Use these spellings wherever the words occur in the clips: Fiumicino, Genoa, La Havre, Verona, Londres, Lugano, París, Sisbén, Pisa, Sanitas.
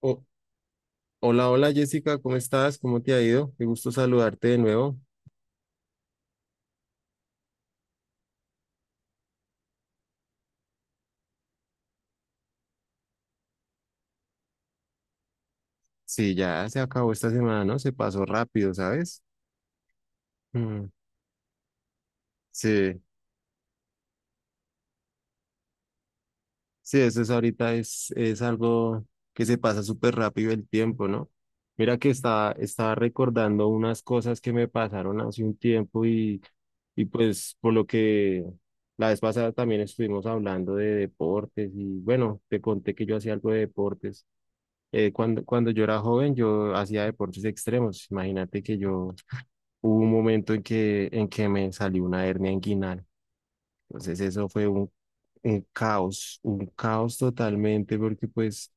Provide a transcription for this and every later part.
Oh, hola, hola Jessica, ¿cómo estás? ¿Cómo te ha ido? Qué gusto saludarte de nuevo. Sí, ya se acabó esta semana, ¿no? Se pasó rápido, ¿sabes? Mm, sí, sí, eso es ahorita, es algo que se pasa súper rápido el tiempo, ¿no? Mira que estaba recordando unas cosas que me pasaron hace un tiempo y pues por lo que la vez pasada también estuvimos hablando de deportes y bueno, te conté que yo hacía algo de deportes. Cuando yo era joven, yo hacía deportes extremos. Imagínate que yo hubo un momento en que me salió una hernia inguinal. Entonces eso fue un caos totalmente, porque pues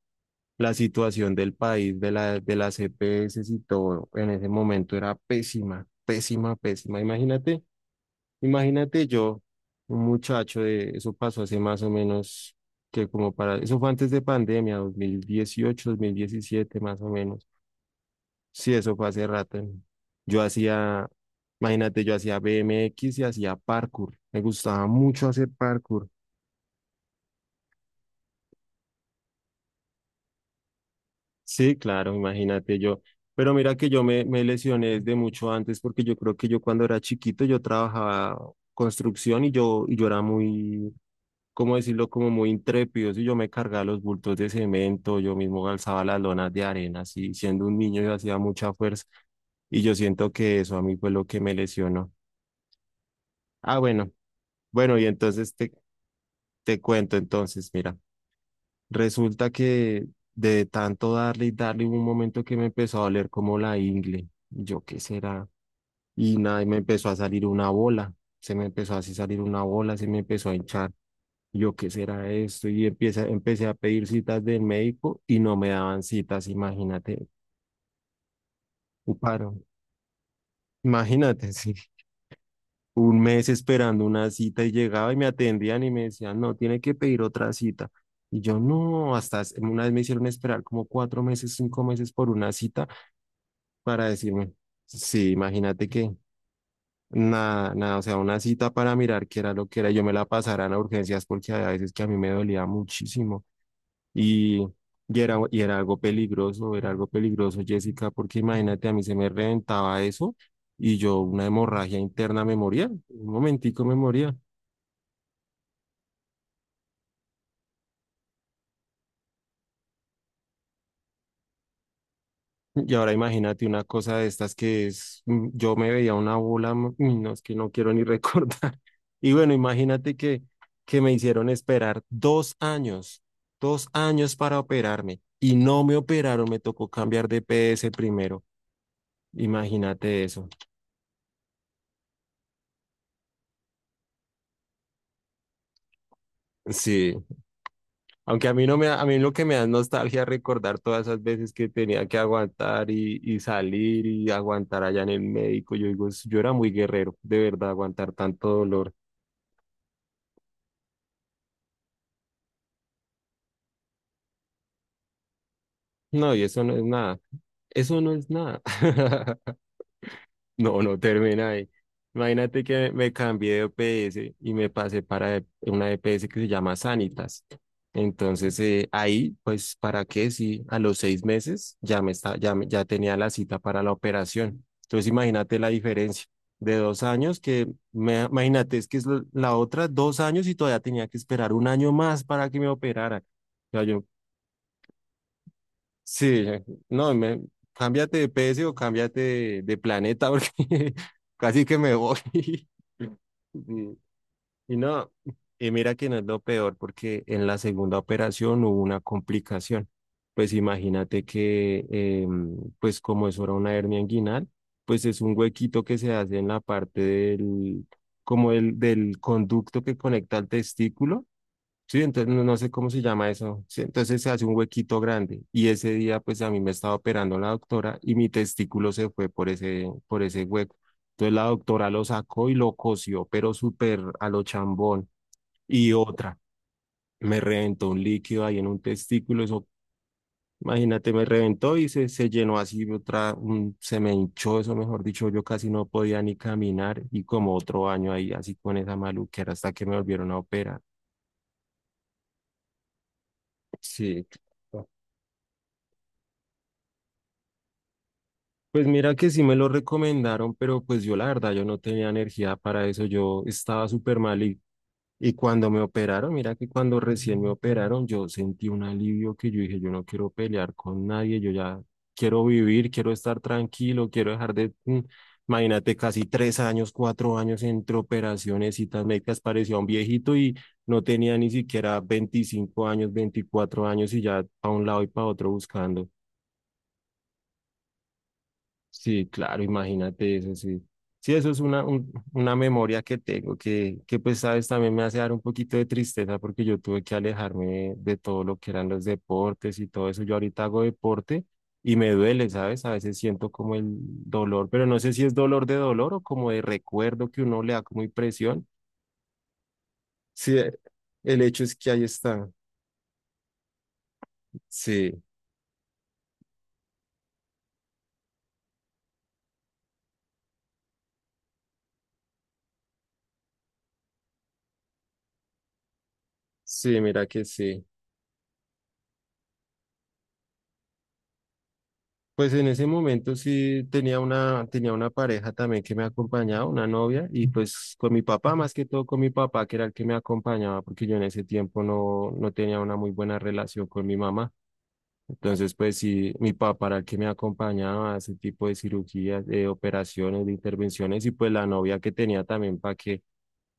la situación del país, de la, de las EPS y todo, en ese momento era pésima, pésima, pésima. Imagínate, imagínate yo, un muchacho de, eso pasó hace más o menos que como para, eso fue antes de pandemia, 2018, 2017 más o menos. Sí, eso fue hace rato. Yo hacía, imagínate, yo hacía BMX y hacía parkour. Me gustaba mucho hacer parkour. Sí, claro, imagínate yo. Pero mira que yo me lesioné desde mucho antes porque yo creo que yo cuando era chiquito yo trabajaba construcción y yo era muy, ¿cómo decirlo? Como muy intrépido. Y yo me cargaba los bultos de cemento, yo mismo alzaba las lonas de arena. Así, siendo un niño yo hacía mucha fuerza y yo siento que eso a mí fue lo que me lesionó. Ah, bueno. Bueno, y entonces te cuento, entonces, mira, resulta que de tanto darle y darle hubo un momento que me empezó a doler como la ingle, yo qué será, y nada, y me empezó a salir una bola, se me empezó así a salir una bola, se me empezó a hinchar, yo qué será esto, empecé a pedir citas del médico y no me daban citas, imagínate, un paro, imagínate, sí. Un mes esperando una cita y llegaba y me atendían y me decían, no, tiene que pedir otra cita. Y yo no, una vez me hicieron esperar como 4 meses, 5 meses por una cita para decirme, sí, imagínate que nada, nada, o sea, una cita para mirar qué era lo que era. Yo me la pasaran a urgencias porque a veces que a mí me dolía muchísimo y, y era algo peligroso, era algo peligroso, Jessica, porque imagínate, a mí se me reventaba eso y yo una hemorragia interna me moría, un momentico me moría. Y ahora imagínate una cosa de estas que es, yo me veía una bola, uy, no, es que no quiero ni recordar. Y bueno, imagínate que me hicieron esperar 2 años, 2 años para operarme y no me operaron, me tocó cambiar de PS primero. Imagínate eso. Sí, aunque a mí no a mí lo que me da es nostalgia recordar todas esas veces que tenía que aguantar y salir y aguantar allá en el médico. Yo digo, yo era muy guerrero, de verdad, aguantar tanto dolor. No, y eso no es nada. Eso no es nada. No, no termina ahí. Imagínate que me cambié de EPS y me pasé para una EPS que se llama Sanitas. Entonces, ahí, pues, ¿para qué? Si a los 6 meses ya me está, ya, ya tenía la cita para la operación. Entonces, imagínate la diferencia de 2 años que, me, imagínate, es que es la otra 2 años y todavía tenía que esperar un año más para que me operaran. Sí, no, me, cámbiate de PC o cámbiate de planeta porque casi que me voy. Y, y no, y mira que no es lo peor porque en la segunda operación hubo una complicación. Pues imagínate que, pues como eso era una hernia inguinal, pues es un huequito que se hace en la parte del, como el, del conducto que conecta al testículo. Sí, entonces no, no sé cómo se llama eso. Sí, entonces se hace un huequito grande y ese día pues a mí me estaba operando la doctora y mi testículo se fue por ese hueco. Entonces la doctora lo sacó y lo cosió, pero súper a lo chambón. Y otra, me reventó un líquido ahí en un testículo, eso, imagínate, me reventó y se llenó así, otra, se me hinchó eso, mejor dicho, yo casi no podía ni caminar y como otro año ahí así con esa maluquera hasta que me volvieron a operar. Sí. Pues mira que sí me lo recomendaron, pero pues yo la verdad, yo no tenía energía para eso, yo estaba súper mal y cuando me operaron, mira que cuando recién me operaron, yo sentí un alivio que yo dije, yo no quiero pelear con nadie, yo ya quiero vivir, quiero estar tranquilo, quiero dejar de, imagínate, casi 3 años, 4 años entre operaciones, citas médicas, parecía un viejito y no tenía ni siquiera 25 años, 24 años y ya para un lado y para otro buscando. Sí, claro, imagínate eso, sí. Sí, eso es una, una memoria que tengo pues, sabes, también me hace dar un poquito de tristeza porque yo tuve que alejarme de todo lo que eran los deportes y todo eso. Yo ahorita hago deporte y me duele, ¿sabes? A veces siento como el dolor, pero no sé si es dolor de dolor o como de recuerdo que uno le da como impresión. Sí, el hecho es que ahí está. Sí, sí, mira que sí. Pues en ese momento sí tenía una pareja también que me acompañaba, una novia, y pues con mi papá, más que todo con mi papá, que era el que me acompañaba, porque yo en ese tiempo no, no tenía una muy buena relación con mi mamá. Entonces, pues sí, mi papá era el que me acompañaba a ese tipo de cirugías, de operaciones, de intervenciones, y pues la novia que tenía también para que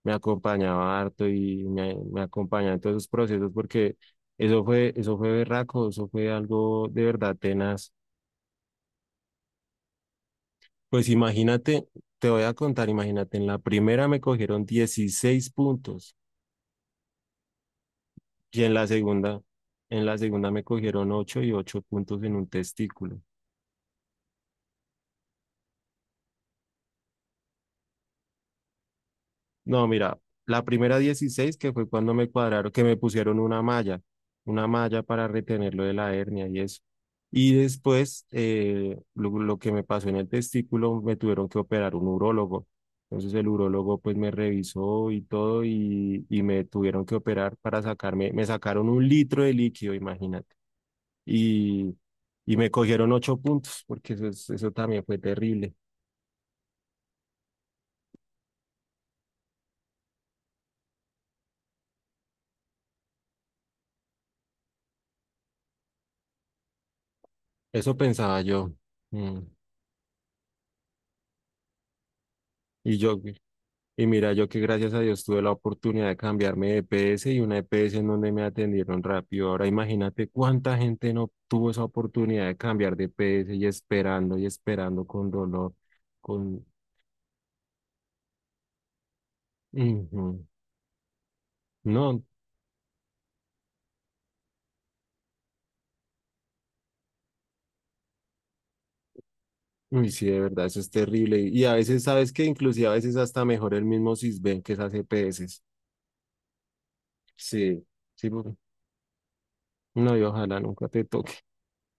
me acompañaba harto y me acompañaba en todos esos procesos, porque eso fue berraco, eso fue algo de verdad tenaz. Pues imagínate, te voy a contar, imagínate, en la primera me cogieron 16 puntos y en la segunda, me cogieron 8 y 8 puntos en un testículo. No, mira, la primera 16 que fue cuando me cuadraron, que me pusieron una malla para retenerlo de la hernia y eso. Y después, lo que me pasó en el testículo, me tuvieron que operar un urólogo. Entonces el urólogo pues me revisó y todo y me tuvieron que operar para sacarme, me sacaron un litro de líquido, imagínate. Y, y me cogieron 8 puntos, porque eso, eso también fue terrible. Eso pensaba yo. Mm. Y yo, Y mira, yo que gracias a Dios tuve la oportunidad de cambiarme de E P S y una E P S en donde me atendieron rápido. Ahora imagínate cuánta gente no tuvo esa oportunidad de cambiar de E P S y esperando con dolor, con... Ujú. No, uy, sí, de verdad, eso es terrible. Y a veces, ¿sabes que inclusive a veces hasta mejor el mismo Sisbén que esas E P EPS. Sí, sí, no, y ojalá nunca te toque.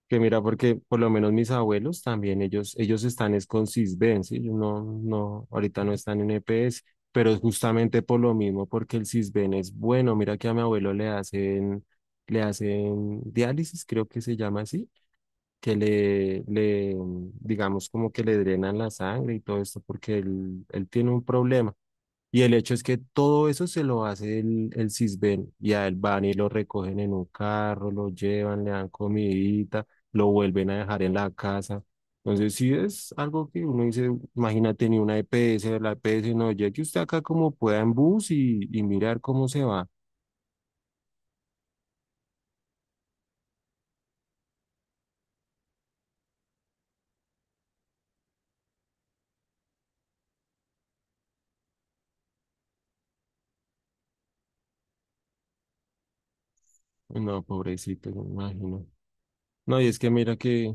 Que mira, porque por lo menos mis abuelos también, ellos están es con Sisbén, ¿sí? Ellos no, no, ahorita no están en EPS, pero es justamente por lo mismo, porque el Sisbén es bueno. Mira que a mi abuelo le hacen diálisis, creo que se llama así, que le, le, digamos como que le drenan la sangre y todo esto, porque él tiene un problema. Y el hecho es que todo eso se lo hace el Sisbén y a él van y lo recogen en un carro, lo llevan, le dan comidita, lo vuelven a dejar en la casa. Entonces sí es algo que uno dice, imagínate ni una EPS, la EPS no, llegue usted acá como pueda en bus y mirar cómo se va. No, pobrecito, me imagino. No, y es que mira que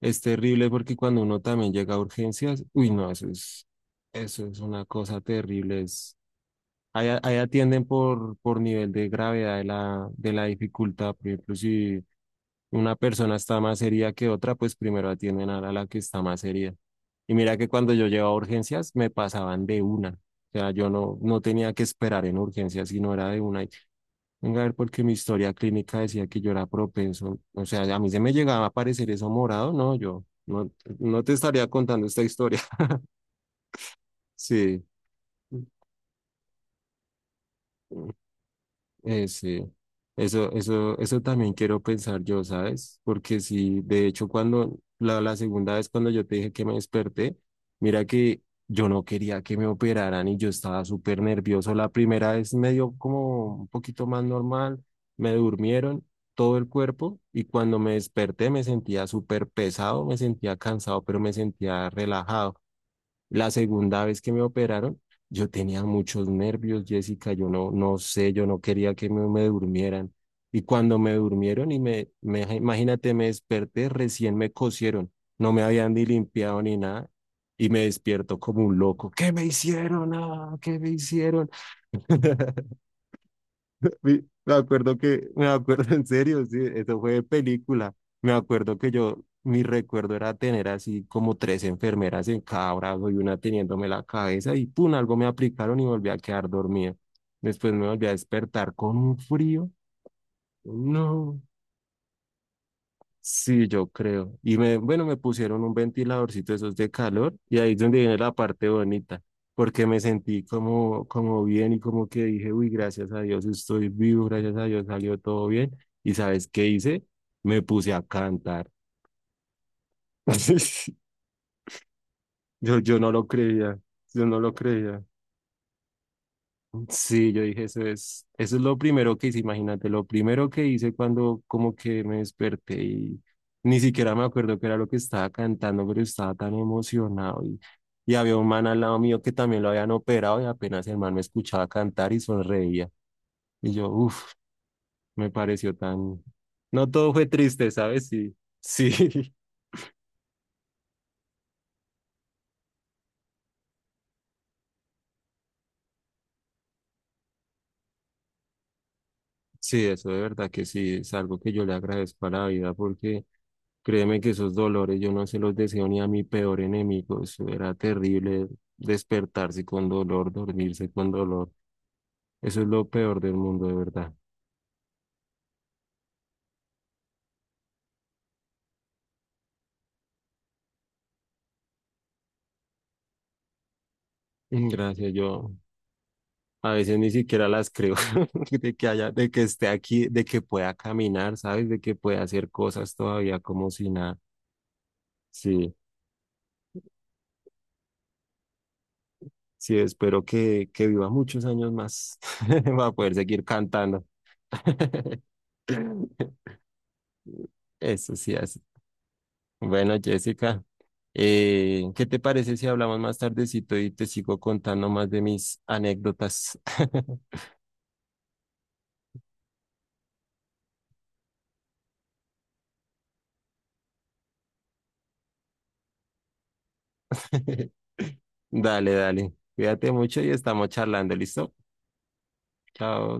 es terrible porque cuando uno también llega a urgencias, uy, no, eso es una cosa terrible, es. Ahí atienden por nivel de gravedad de la, dificultad. Por ejemplo, si una persona está más herida que otra, pues primero atienden a la que está más herida. Y mira que cuando yo llevaba urgencias, me pasaban de una. O sea, yo no, no tenía que esperar en urgencias, sino era de una. Venga, a ver, porque mi historia clínica decía que yo era propenso. O sea, a mí se me llegaba a aparecer eso morado. No, yo no, no te estaría contando esta historia. Sí. Sí, eso, eso también quiero pensar yo, ¿sabes? Porque si, de hecho, cuando la segunda vez cuando yo te dije que me desperté, mira que yo no quería que me operaran y yo estaba súper nervioso. La primera vez me dio como un poquito más normal, me durmieron todo el cuerpo y cuando me desperté me sentía súper pesado, me sentía cansado, pero me sentía relajado. La segunda vez que me operaron, yo tenía muchos nervios, Jessica, yo no, no sé, yo no quería que me durmieran. Y cuando me durmieron y imagínate, me desperté, recién me cosieron, no me habían ni limpiado ni nada, y me despierto como un loco. ¿Qué me hicieron? Ah, ¿qué me hicieron? Me acuerdo que, me acuerdo en serio, sí, eso fue de película. Me acuerdo que yo, mi recuerdo era tener así como tres enfermeras en cada brazo y una teniéndome la cabeza y pum, algo me aplicaron y volví a quedar dormida. Después me volví a despertar con un frío. No. Sí, yo creo. Y me, bueno, me pusieron un ventiladorcito de esos de calor y ahí es donde viene la parte bonita, porque me sentí como bien y como que dije, uy, gracias a Dios estoy vivo, gracias a Dios salió todo bien. ¿Y sabes qué hice? Me puse a cantar. Yo no lo creía, yo no lo creía. Sí, yo dije, eso es lo primero que hice, imagínate, lo primero que hice cuando como que me desperté y ni siquiera me acuerdo qué era lo que estaba cantando, pero estaba tan emocionado y había un man al lado mío que también lo habían operado y apenas el man me escuchaba cantar y sonreía. Y yo, uff, me pareció tan... No todo fue triste, ¿sabes? Sí, sí. Sí, eso de verdad que sí, es algo que yo le agradezco a la vida porque créeme que esos dolores yo no se los deseo ni a mi peor enemigo, eso era terrible despertarse con dolor, dormirse con dolor, eso es lo peor del mundo de verdad. Mm, gracias, yo a veces ni siquiera las creo de que haya, de que esté aquí, de que pueda caminar, ¿sabes? De que pueda hacer cosas todavía como si nada. Sí, sí, espero que viva muchos años más para poder seguir cantando. Eso sí hace. Bueno, Jessica, ¿qué te parece si hablamos más tardecito y te sigo contando más de mis anécdotas? Dale, dale. Cuídate mucho y estamos charlando, ¿listo? Chao.